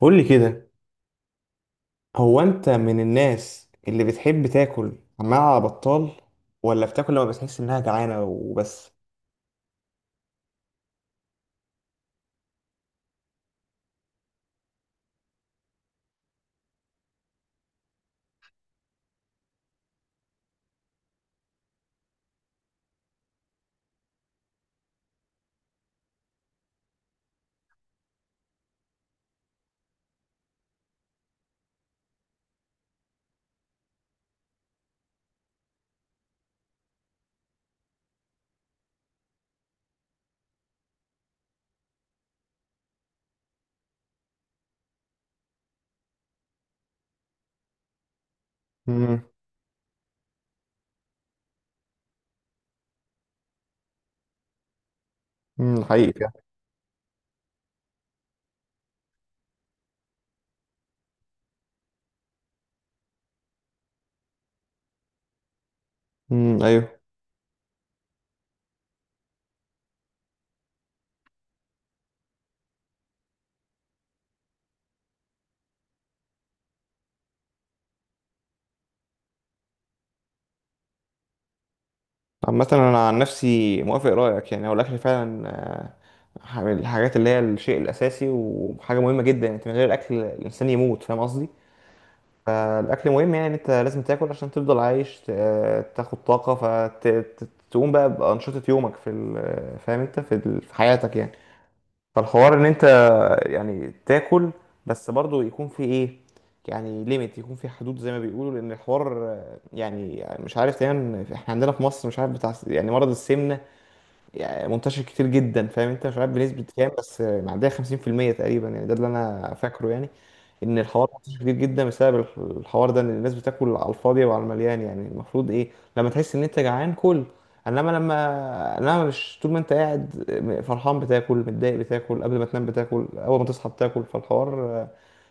قول لي كده. هو انت من الناس اللي بتحب تاكل مع بطال، ولا بتاكل لما بتحس انها جعانه وبس؟ امم امم حقيقي. ايوه. عامة انا عن نفسي موافق رايك، يعني هو الاكل فعلا من الحاجات اللي هي الشيء الاساسي وحاجه مهمه جدا. انت من غير الاكل الانسان يموت، فاهم قصدي؟ فالاكل مهم، يعني انت لازم تاكل عشان تفضل عايش تاخد طاقه فتقوم بقى بانشطه يومك في فاهم انت في في حياتك يعني. فالحوار ان انت يعني تاكل، بس برضو يكون في ايه، يعني ليميت، يكون في حدود زي ما بيقولوا. لان الحوار يعني مش عارف، دايما احنا عندنا في مصر مش عارف بتاع يعني مرض السمنة يعني منتشر كتير جدا، فاهم انت؟ مش عارف بنسبة كام، بس معدية 50% تقريبا يعني، ده اللي انا فاكره يعني. ان الحوار منتشر كتير جدا بسبب الحوار ده، ان الناس بتاكل على الفاضي وعلى المليان. يعني المفروض ايه؟ لما تحس ان انت جعان كل، انما لما انما مش طول ما انت قاعد فرحان بتاكل، متضايق بتاكل، قبل ما تنام بتاكل، اول ما تصحى بتاكل. فالحوار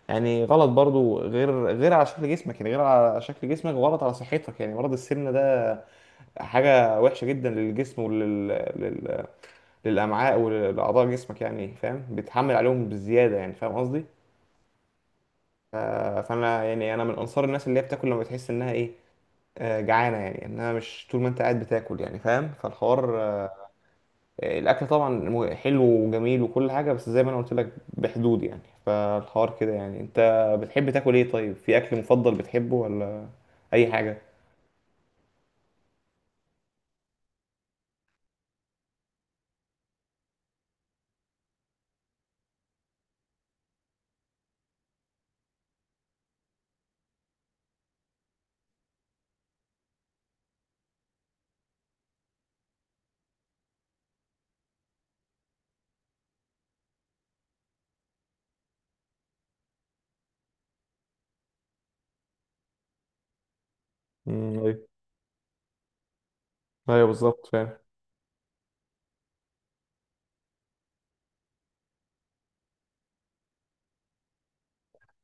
يعني غلط برضو، غير على شكل جسمك، يعني غير على شكل جسمك غلط على صحتك. يعني مرض السمنة ده حاجة وحشة جدا للجسم للامعاء ولاعضاء جسمك، يعني فاهم؟ بيتحمل عليهم بزياده، يعني فاهم قصدي؟ ف- فانا يعني انا من انصار الناس اللي هي بتاكل لما تحس انها ايه، جعانه، يعني انها مش طول ما انت قاعد بتاكل يعني، فاهم؟ فالحوار الاكل طبعا حلو وجميل وكل حاجه، بس زي ما انا قلت لك بحدود يعني. فالحوار كده، يعني انت بتحب تاكل ايه؟ طيب في اكل مفضل بتحبه ولا اي حاجه؟ ايوه. ايوه بالظبط فعلا.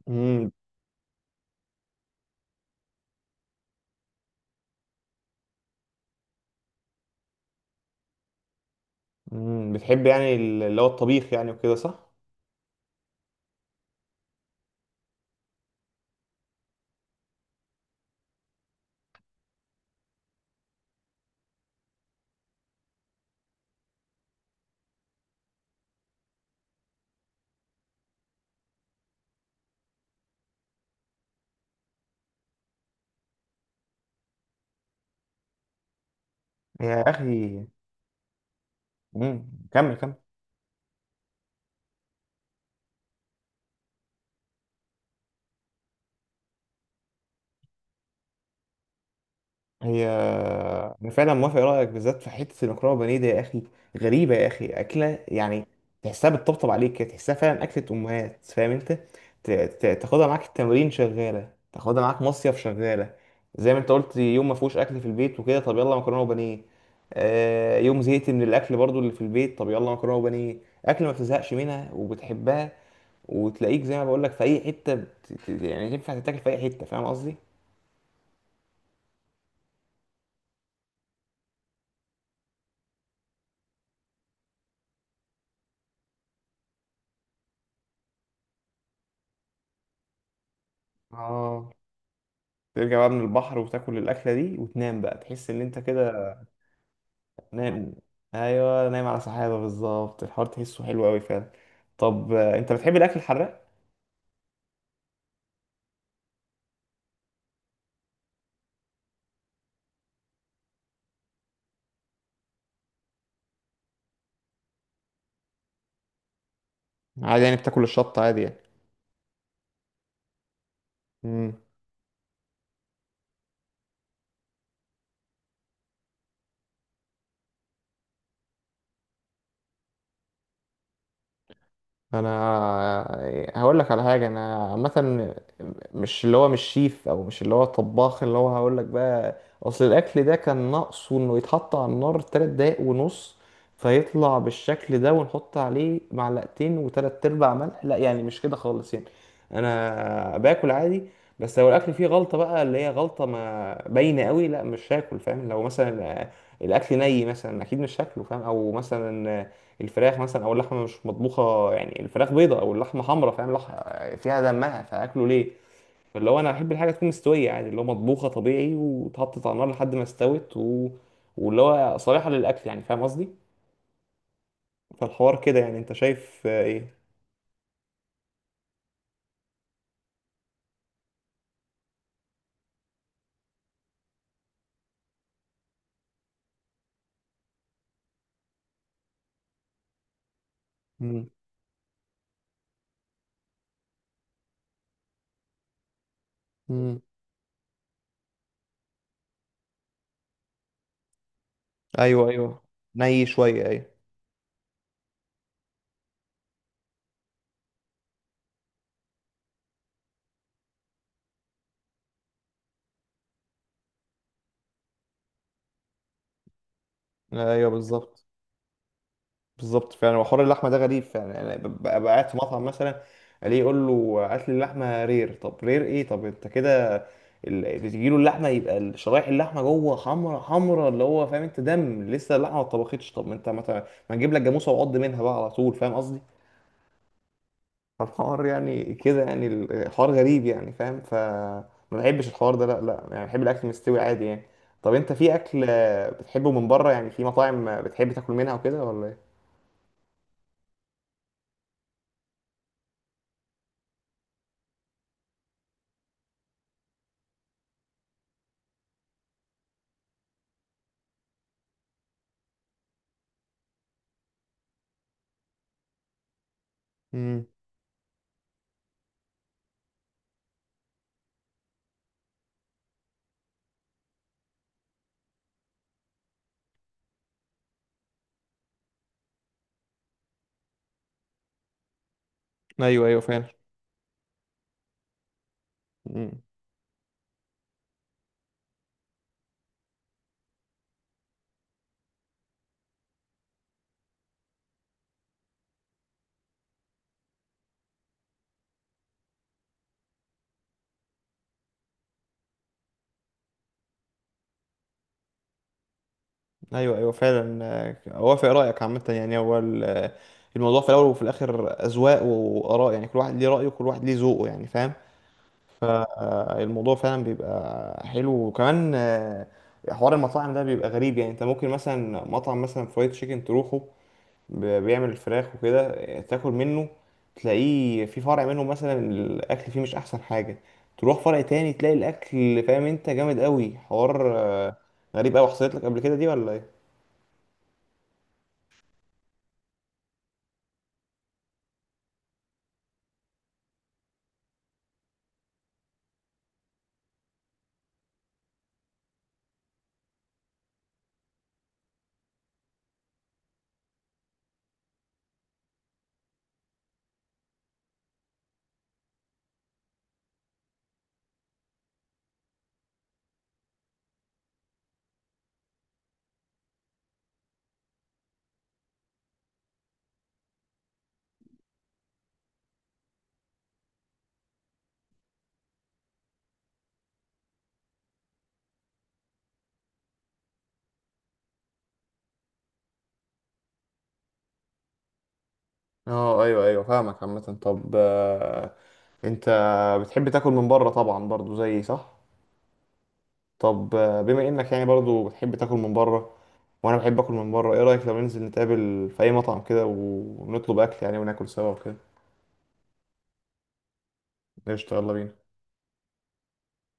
امم. أمم، بتحب يعني اللي هو الطبيخ يعني وكده، صح؟ يا اخي. امم. كمل كمل. هي انا فعلا موافق رايك، بالذات في حته المكرونه بانيه دي يا اخي. غريبه يا اخي اكله يعني. تحسها بتطبطب عليك كده، تحسها فعلا اكله امهات، فاهم انت؟ تاخدها معاك التمرين شغاله، تاخدها معاك مصيف شغاله. زي ما انت قلت، يوم ما فيهوش اكل في البيت وكده، طب يلا مكرونه وبانيه. آه يوم زهقت من الاكل برضو اللي في البيت، طب يلا مكرونه وبانيه. اكل ما بتزهقش منها وبتحبها، وتلاقيك زي ما بقول لك في اي حته يعني تنفع تتاكل في اي حته، فاهم قصدي؟ اه. ترجع بقى من البحر وتاكل الأكلة دي وتنام بقى، تحس إن أنت كده. نام. أيوة نايم على سحابة بالظبط، الحوار تحسه حلو أوي فعلا. طب أنت بتحب الأكل الحراق؟ عادي، يعني بتاكل الشطة عادي يعني. مم. انا هقول لك على حاجه. انا عامه مش اللي هو مش شيف او مش اللي هو طباخ، اللي هو هقول لك بقى. اصل الاكل ده كان ناقصه انه يتحط على النار 3 دقايق ونص، فيطلع بالشكل ده، ونحط عليه معلقتين وتلات ارباع ملح. لا يعني مش كده خالص يعني، انا باكل عادي. بس لو الاكل فيه غلطه بقى، اللي هي غلطه ما باينه قوي، لا مش هاكل، فاهم؟ لو مثلا الاكل ني مثلا اكيد مش هاكله، فاهم؟ او مثلا الفراخ مثلا او اللحمه مش مطبوخه، يعني الفراخ بيضه او اللحمه حمراء، فاهم؟ فيها دمها، فاكله ليه؟ اللي هو انا بحب الحاجه تكون مستويه عادي، اللي هو مطبوخه طبيعي، واتحطت على النار لحد ما استوت واللي هو صالحه للاكل، يعني فاهم قصدي؟ فالحوار كده يعني، انت شايف ايه؟ مم. مم. ايوه ايوه. ني شويه، ايوه. ايوه بالظبط. بالظبط فعلا. وحوار اللحمه ده غريب فعلا يعني. ببقى قاعد في مطعم مثلا، الاقيه يقول له هات لي اللحمه رير. طب رير ايه؟ طب انت كده اللي تجي له اللحمه يبقى شرايح اللحمه جوه حمرا حمرا، اللي هو فاهم انت دم، لسه اللحمه ما اتطبختش. طب ما انت ما نجيب لك جاموسه وعض منها بقى على طول، فاهم قصدي؟ فالحوار يعني كده، يعني الحوار غريب يعني، فاهم؟ ما بحبش الحوار ده، لا لا، يعني بحب الاكل مستوي عادي يعني. طب انت في اكل بتحبه من بره، يعني في مطاعم بتحب تاكل منها وكده ولا ايه؟ امم ايوه. ايوه فعلا. مم. ايوه ايوه فعلا. اوافق رايك عامه، يعني هو الموضوع في الاول وفي الاخر اذواق واراء، يعني كل واحد ليه رايه وكل واحد ليه ذوقه يعني، فاهم؟ فالموضوع فعلا بيبقى حلو، وكمان حوار المطاعم ده بيبقى غريب. يعني انت ممكن مثلا مطعم مثلا فرايد تشيكن تروحه بيعمل الفراخ وكده، تاكل منه، تلاقيه في فرع منه مثلا الاكل فيه مش احسن حاجه، تروح فرع تاني تلاقي الاكل فاهم انت جامد قوي، حوار غريب قوي. حصلت لك قبل كده دي ولا ايه؟ اه ايوه ايوه فاهمك عامة. طب انت بتحب تاكل من بره طبعا برضو زيي، صح؟ طب بما انك يعني برضو بتحب تاكل من بره، وانا بحب اكل من بره، ايه رأيك لو ننزل نتقابل في اي مطعم كده ونطلب اكل يعني وناكل سوا وكده؟ قشطة، يلا بينا.